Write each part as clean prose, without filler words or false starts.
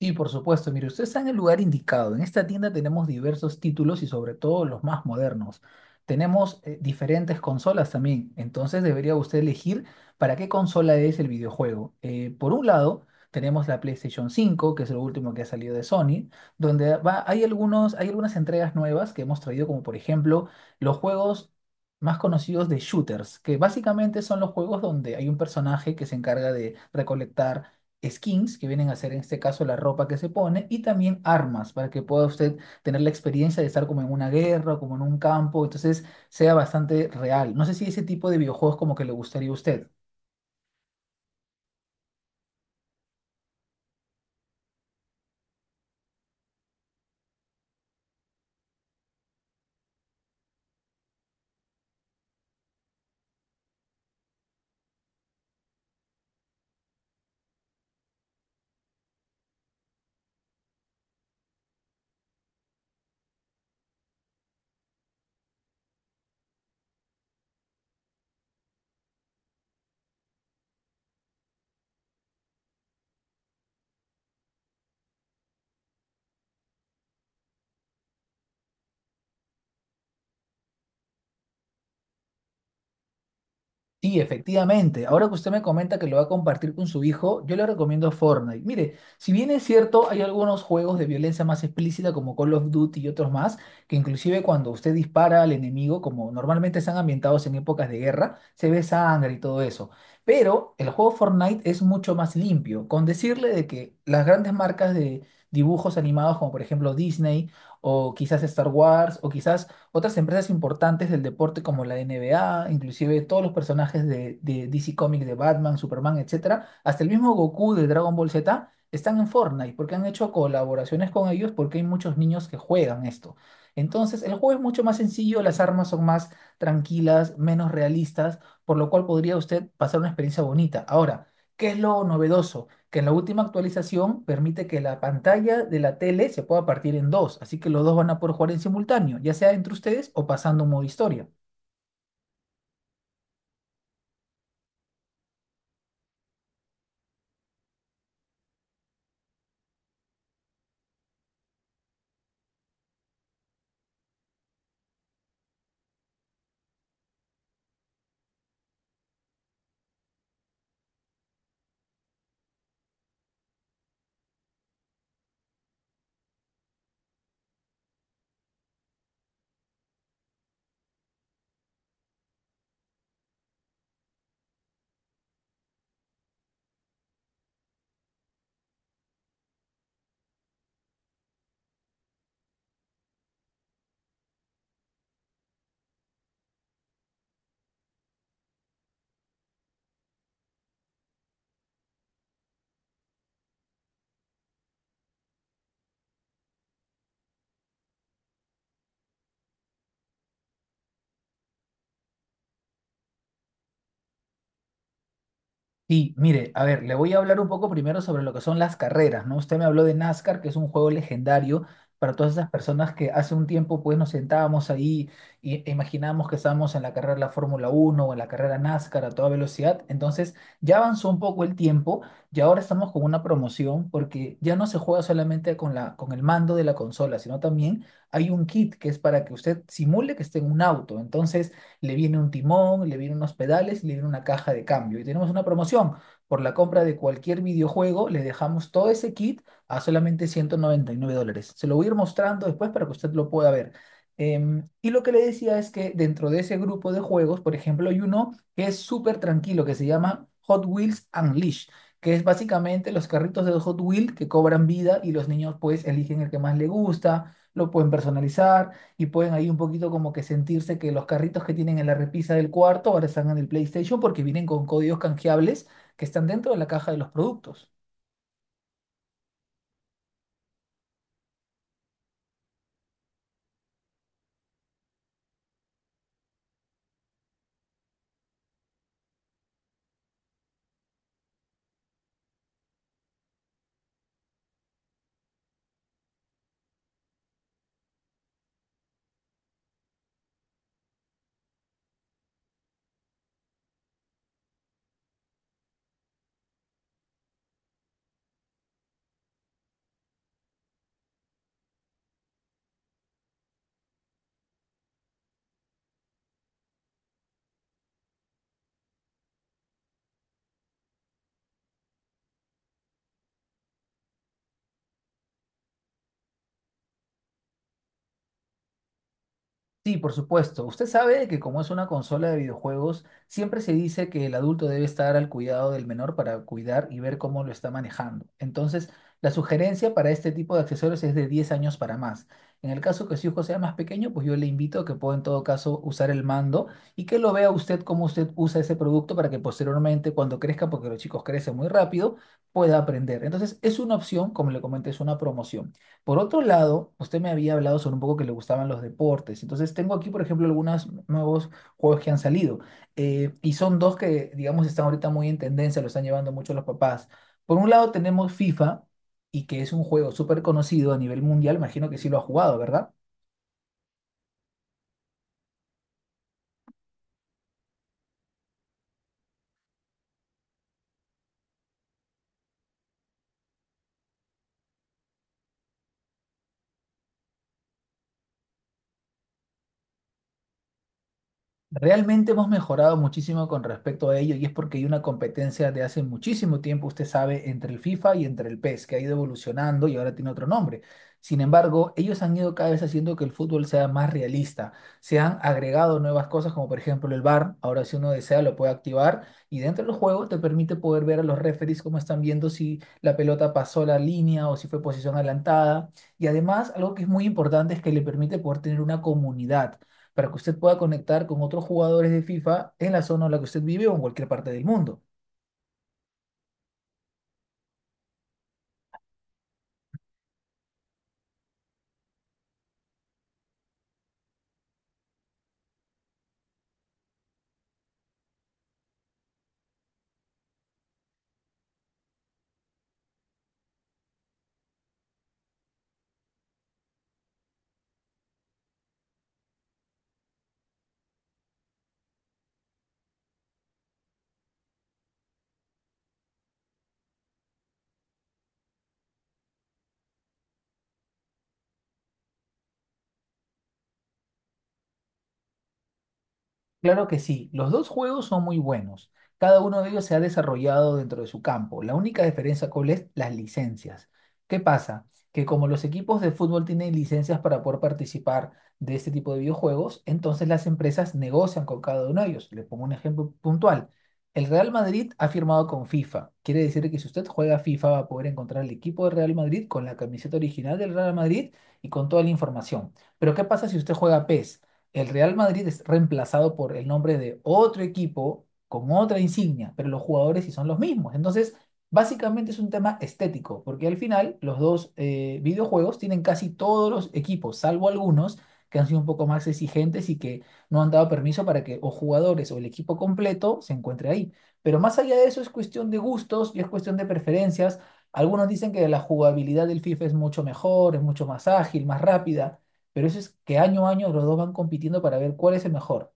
Sí, por supuesto. Mire, usted está en el lugar indicado. En esta tienda tenemos diversos títulos y sobre todo los más modernos. Tenemos diferentes consolas también. Entonces debería usted elegir para qué consola es el videojuego. Por un lado, tenemos la PlayStation 5, que es lo último que ha salido de Sony, donde va, hay algunas entregas nuevas que hemos traído, como por ejemplo los juegos más conocidos de shooters, que básicamente son los juegos donde hay un personaje que se encarga de recolectar skins, que vienen a ser en este caso la ropa que se pone, y también armas, para que pueda usted tener la experiencia de estar como en una guerra o como en un campo, entonces sea bastante real. No sé si ese tipo de videojuegos como que le gustaría a usted. Sí, efectivamente. Ahora que usted me comenta que lo va a compartir con su hijo, yo le recomiendo Fortnite. Mire, si bien es cierto, hay algunos juegos de violencia más explícita como Call of Duty y otros más, que inclusive cuando usted dispara al enemigo, como normalmente están ambientados en épocas de guerra, se ve sangre y todo eso. Pero el juego Fortnite es mucho más limpio, con decirle de que las grandes marcas de dibujos animados como por ejemplo Disney o quizás Star Wars o quizás otras empresas importantes del deporte como la NBA, inclusive todos los personajes de DC Comics, de Batman, Superman, etcétera, hasta el mismo Goku de Dragon Ball Z están en Fortnite porque han hecho colaboraciones con ellos porque hay muchos niños que juegan esto. Entonces, el juego es mucho más sencillo, las armas son más tranquilas, menos realistas, por lo cual podría usted pasar una experiencia bonita. Ahora, ¿qué es lo novedoso? Que en la última actualización permite que la pantalla de la tele se pueda partir en dos, así que los dos van a poder jugar en simultáneo, ya sea entre ustedes o pasando un modo historia. Sí, mire, a ver, le voy a hablar un poco primero sobre lo que son las carreras, ¿no? Usted me habló de NASCAR, que es un juego legendario para todas esas personas que hace un tiempo pues nos sentábamos ahí y- e imaginábamos que estábamos en la carrera de la Fórmula 1 o en la carrera NASCAR a toda velocidad. Entonces, ya avanzó un poco el tiempo y ahora estamos con una promoción porque ya no se juega solamente con la, con el mando de la consola, sino también hay un kit que es para que usted simule que esté en un auto. Entonces, le viene un timón, le viene unos pedales, le viene una caja de cambio. Y tenemos una promoción. Por la compra de cualquier videojuego, le dejamos todo ese kit a solamente $199. Se lo voy a ir mostrando después para que usted lo pueda ver. Y lo que le decía es que dentro de ese grupo de juegos, por ejemplo, hay uno que es súper tranquilo, que se llama Hot Wheels Unleashed, que es básicamente los carritos de Hot Wheels que cobran vida y los niños pues eligen el que más les gusta, lo pueden personalizar y pueden ahí un poquito como que sentirse que los carritos que tienen en la repisa del cuarto ahora están en el PlayStation porque vienen con códigos canjeables que están dentro de la caja de los productos. Sí, por supuesto. Usted sabe que como es una consola de videojuegos, siempre se dice que el adulto debe estar al cuidado del menor para cuidar y ver cómo lo está manejando. Entonces, la sugerencia para este tipo de accesorios es de 10 años para más. En el caso que su hijo sea más pequeño, pues yo le invito a que pueda en todo caso usar el mando y que lo vea usted cómo usted usa ese producto para que posteriormente, cuando crezca, porque los chicos crecen muy rápido, pueda aprender. Entonces, es una opción, como le comenté, es una promoción. Por otro lado, usted me había hablado sobre un poco que le gustaban los deportes. Entonces, tengo aquí, por ejemplo, algunos nuevos juegos que han salido. Y son dos que, digamos, están ahorita muy en tendencia, lo están llevando mucho los papás. Por un lado, tenemos FIFA, y que es un juego súper conocido a nivel mundial. Imagino que sí lo ha jugado, ¿verdad? Realmente hemos mejorado muchísimo con respecto a ello y es porque hay una competencia de hace muchísimo tiempo, usted sabe, entre el FIFA y entre el PES, que ha ido evolucionando y ahora tiene otro nombre. Sin embargo, ellos han ido cada vez haciendo que el fútbol sea más realista. Se han agregado nuevas cosas como por ejemplo el VAR. Ahora si uno desea lo puede activar y dentro del juego te permite poder ver a los referees cómo están viendo si la pelota pasó la línea o si fue posición adelantada. Y además, algo que es muy importante es que le permite poder tener una comunidad para que usted pueda conectar con otros jugadores de FIFA en la zona en la que usted vive o en cualquier parte del mundo. Claro que sí, los dos juegos son muy buenos. Cada uno de ellos se ha desarrollado dentro de su campo. La única diferencia, ¿cuál es? Las licencias. ¿Qué pasa? Que como los equipos de fútbol tienen licencias para poder participar de este tipo de videojuegos, entonces las empresas negocian con cada uno de ellos. Le pongo un ejemplo puntual. El Real Madrid ha firmado con FIFA. Quiere decir que si usted juega FIFA va a poder encontrar el equipo del Real Madrid con la camiseta original del Real Madrid y con toda la información. Pero ¿qué pasa si usted juega PES? El Real Madrid es reemplazado por el nombre de otro equipo con otra insignia, pero los jugadores sí son los mismos. Entonces, básicamente es un tema estético, porque al final los dos videojuegos tienen casi todos los equipos, salvo algunos que han sido un poco más exigentes y que no han dado permiso para que o jugadores o el equipo completo se encuentre ahí. Pero más allá de eso es cuestión de gustos y es cuestión de preferencias. Algunos dicen que la jugabilidad del FIFA es mucho mejor, es mucho más ágil, más rápida, pero eso es que año a año los dos van compitiendo para ver cuál es el mejor.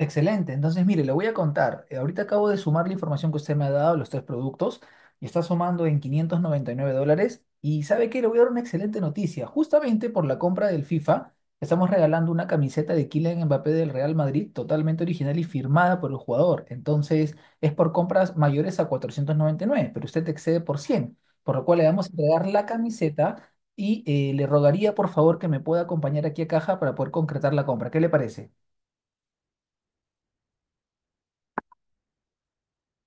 Excelente. Entonces, mire, le voy a contar. Ahorita acabo de sumar la información que usted me ha dado, los tres productos, y está sumando en $599. Y ¿sabe qué? Le voy a dar una excelente noticia. Justamente por la compra del FIFA, estamos regalando una camiseta de Kylian Mbappé del Real Madrid, totalmente original y firmada por el jugador. Entonces, es por compras mayores a 499, pero usted excede por 100, por lo cual le vamos a entregar la camiseta y le rogaría, por favor, que me pueda acompañar aquí a caja para poder concretar la compra. ¿Qué le parece?